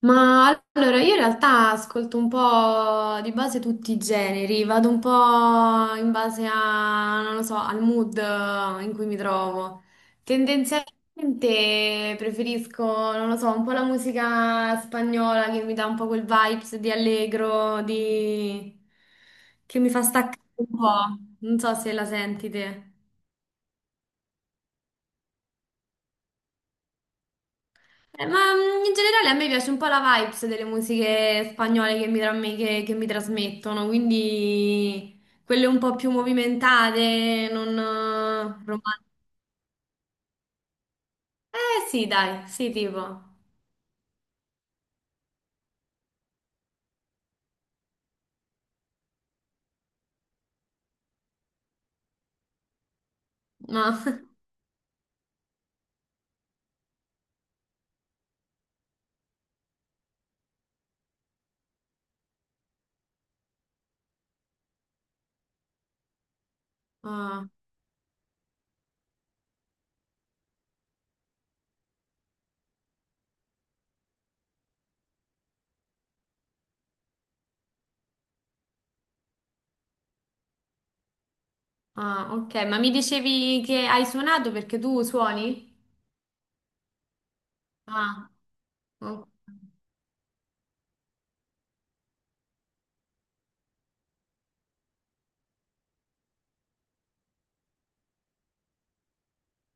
Ma allora io in realtà ascolto un po' di base tutti i generi, vado un po' in base a, non lo so, al mood in cui mi trovo. Tendenzialmente preferisco, non lo so, un po' la musica spagnola che mi dà un po' quel vibes di allegro, che mi fa staccare un po'. Non so se la senti te. Ma in generale a me piace un po' la vibes delle musiche spagnole che mi trasmettono, quindi quelle un po' più movimentate, non romantiche. Eh sì, dai, sì, tipo. Ma, ah, ah, ok, ma mi dicevi che hai suonato perché tu suoni? Ah, ok.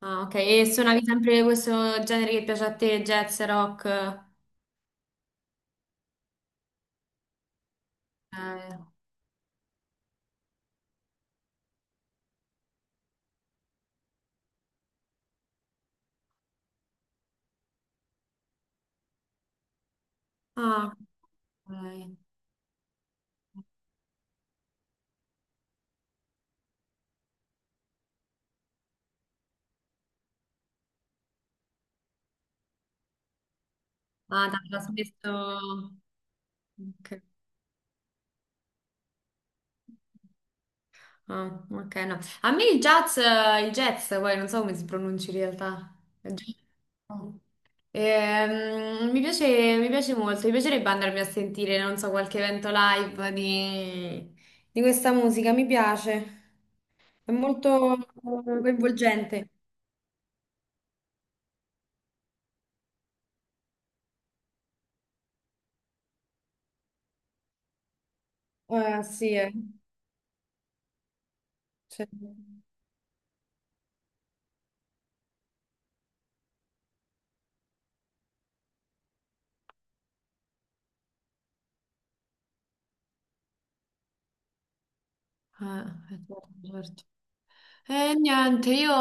Ah, ok, e suonavi sempre questo genere che piace a te, jazz, rock? Eh, Ah, ok. Ah, t'aveva smesso. Ok, ah, ok, no. A me il jazz, poi non so come si pronuncia in realtà. Il jazz. Oh. Mi piace, mi piace molto, mi piacerebbe andarmi a sentire, non so, qualche evento live di questa musica, mi piace. È molto coinvolgente. Sì, eh. Sì. Eh, certo. Certo. E niente, io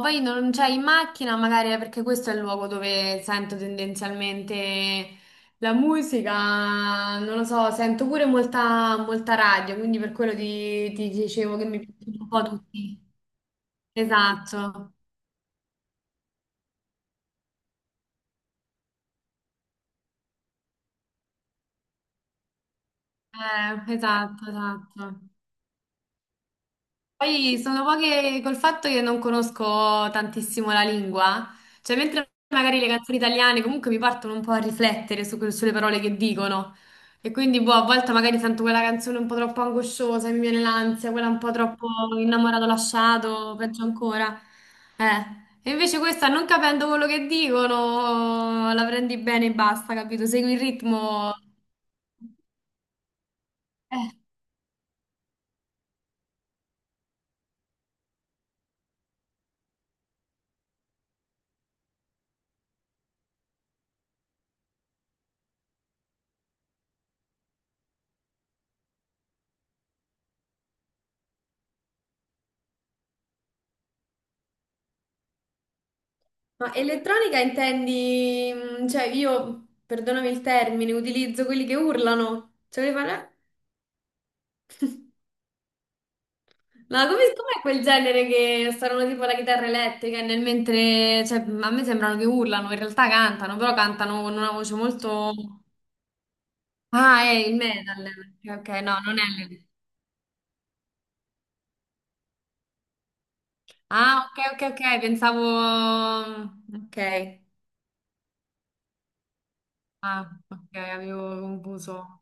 poi non c'è in macchina, magari perché questo è il luogo dove sento tendenzialmente la musica, non lo so, sento pure molta radio, quindi per quello ti dicevo che mi piacciono un po' tutti. Esatto, esatto, esatto. Poi sono poche col fatto che non conosco tantissimo la lingua, cioè mentre magari le canzoni italiane comunque mi partono un po' a riflettere sulle parole che dicono e quindi boh, a volte magari sento quella canzone un po' troppo angosciosa, mi viene l'ansia, quella un po' troppo innamorato lasciato, peggio ancora. E invece questa non capendo quello che dicono la prendi bene e basta, capito? Segui il ritmo. Eh. Ma elettronica intendi, cioè io, perdonami il termine, utilizzo quelli che urlano. Cioè, che fanno, "Eh?" Ma com'è quel genere che suonano tipo la chitarra elettrica e nel mentre, cioè, a me sembrano che urlano, in realtà cantano, però cantano con una voce molto. Ah, è il metal. Ok, ok, no, non è l'elettronica. Ah, ok, ok, ok, pensavo. Ok. Ah, ok, avevo confuso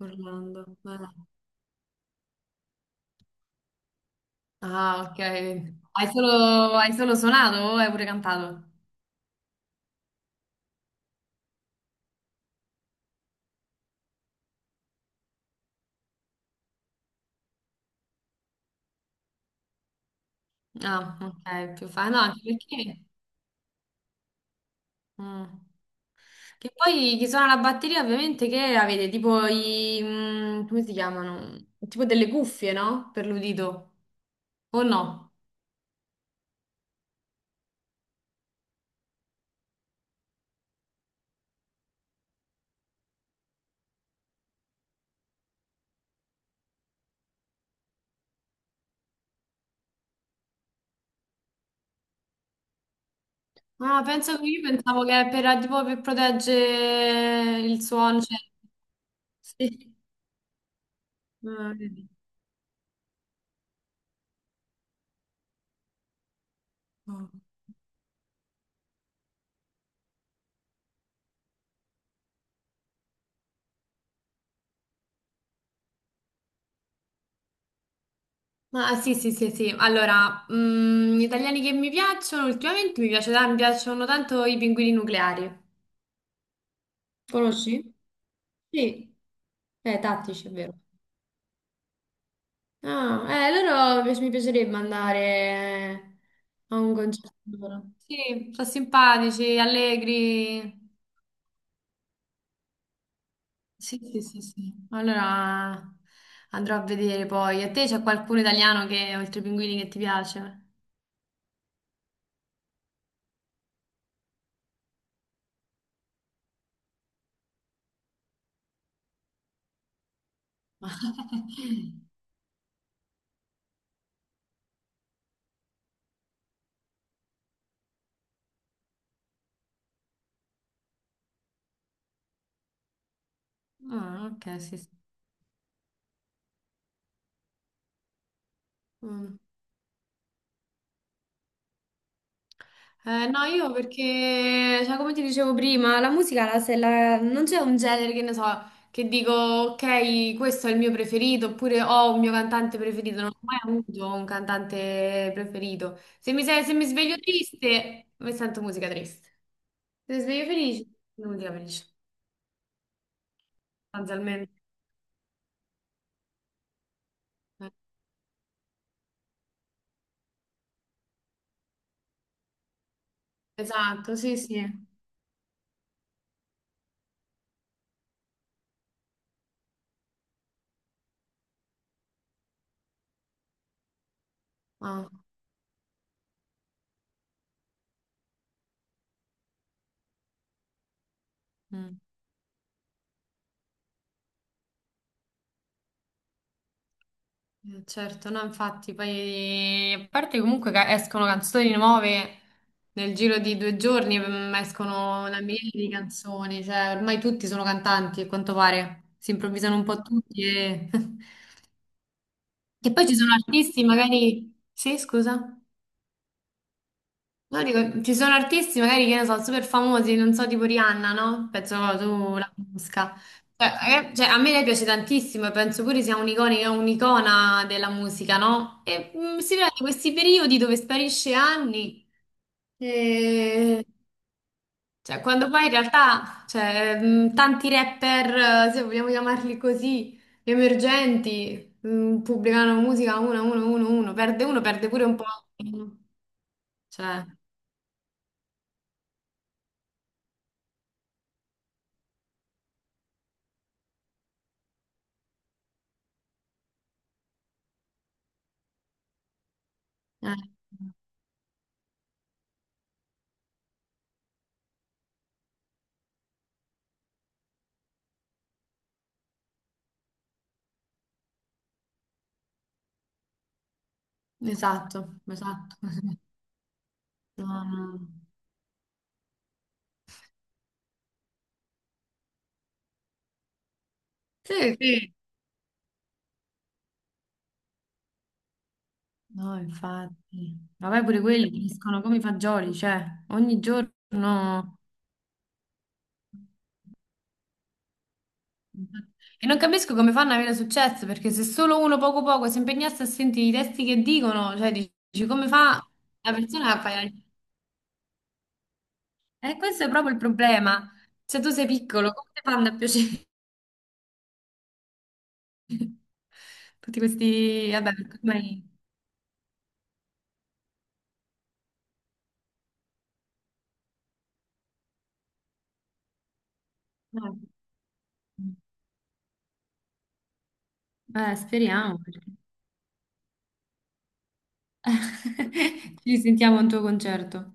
urlando. Ah. Ah, ok. Hai solo suonato o hai pure cantato? Ah, ok, più fa. No, anche perché. Mm. Che poi chi suona la batteria ovviamente che avete tipo i, come si chiamano? Tipo delle cuffie, no? Per l'udito. O no? Ah, penso che io pensavo che tipo, per proteggere il suono. Cioè. Sì. Ah, vedi. Ma ah, sì, sì, sì, sì. Allora, gli italiani che mi piacciono, ultimamente mi piacciono tanto i pinguini nucleari. Conosci? Sì, tattici, è vero. Ah, loro mi piacerebbe andare a un concerto loro. Sì, sono simpatici, allegri. Sì, sì, sì, sì. Allora andrò a vedere poi. A te c'è qualcuno italiano che, oltre ai pinguini, che ti piace? Ah, ok, sì, sì. Mm. No, io perché, cioè, come ti dicevo prima, la musica la- se la- non c'è un genere che ne so, che dico, ok, questo è il mio preferito, oppure ho un mio cantante preferito. Non ho mai avuto un cantante preferito. Se mi sveglio triste, mi sento musica triste. Se mi sveglio felice, musica felice, sostanzialmente. Eh, Esatto, sì, sì. Ah, mm. Certo, no, infatti, poi a parte comunque che escono canzoni nuove nel giro di 2 giorni, escono una miriade di canzoni, cioè ormai tutti sono cantanti, a quanto pare, si improvvisano un po' tutti e, e poi ci sono artisti magari. Sì, scusa? No, dico, ci sono artisti magari che ne so, super famosi, non so, tipo Rihanna, no? Penso tu la conosca. Cioè, a me lei piace tantissimo e penso pure sia un'iconica, un'icona della musica, no? E si vede questi periodi dove sparisce anni. E... Cioè, quando poi in realtà, cioè, tanti rapper, se vogliamo chiamarli così, emergenti, pubblicano musica uno, uno, uno, uno, perde pure un po'. Cioè, eh. Esatto, esatto. No, no. Sì, sì. No, infatti. Vabbè, pure quelli crescono come i fagioli, cioè, ogni giorno. E non capisco come fanno ad avere successo, perché se solo uno poco poco si impegnasse a sentire i testi che dicono, cioè, dici, come fa la persona a fare. E questo è proprio il problema. Se tu sei piccolo, come ti fanno a piacere? Tutti questi. Vabbè, ormai, no. Speriamo. Ci sentiamo a un tuo concerto.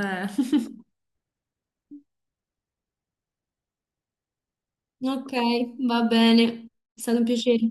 Eh. Ok, va bene, è stato un piacere.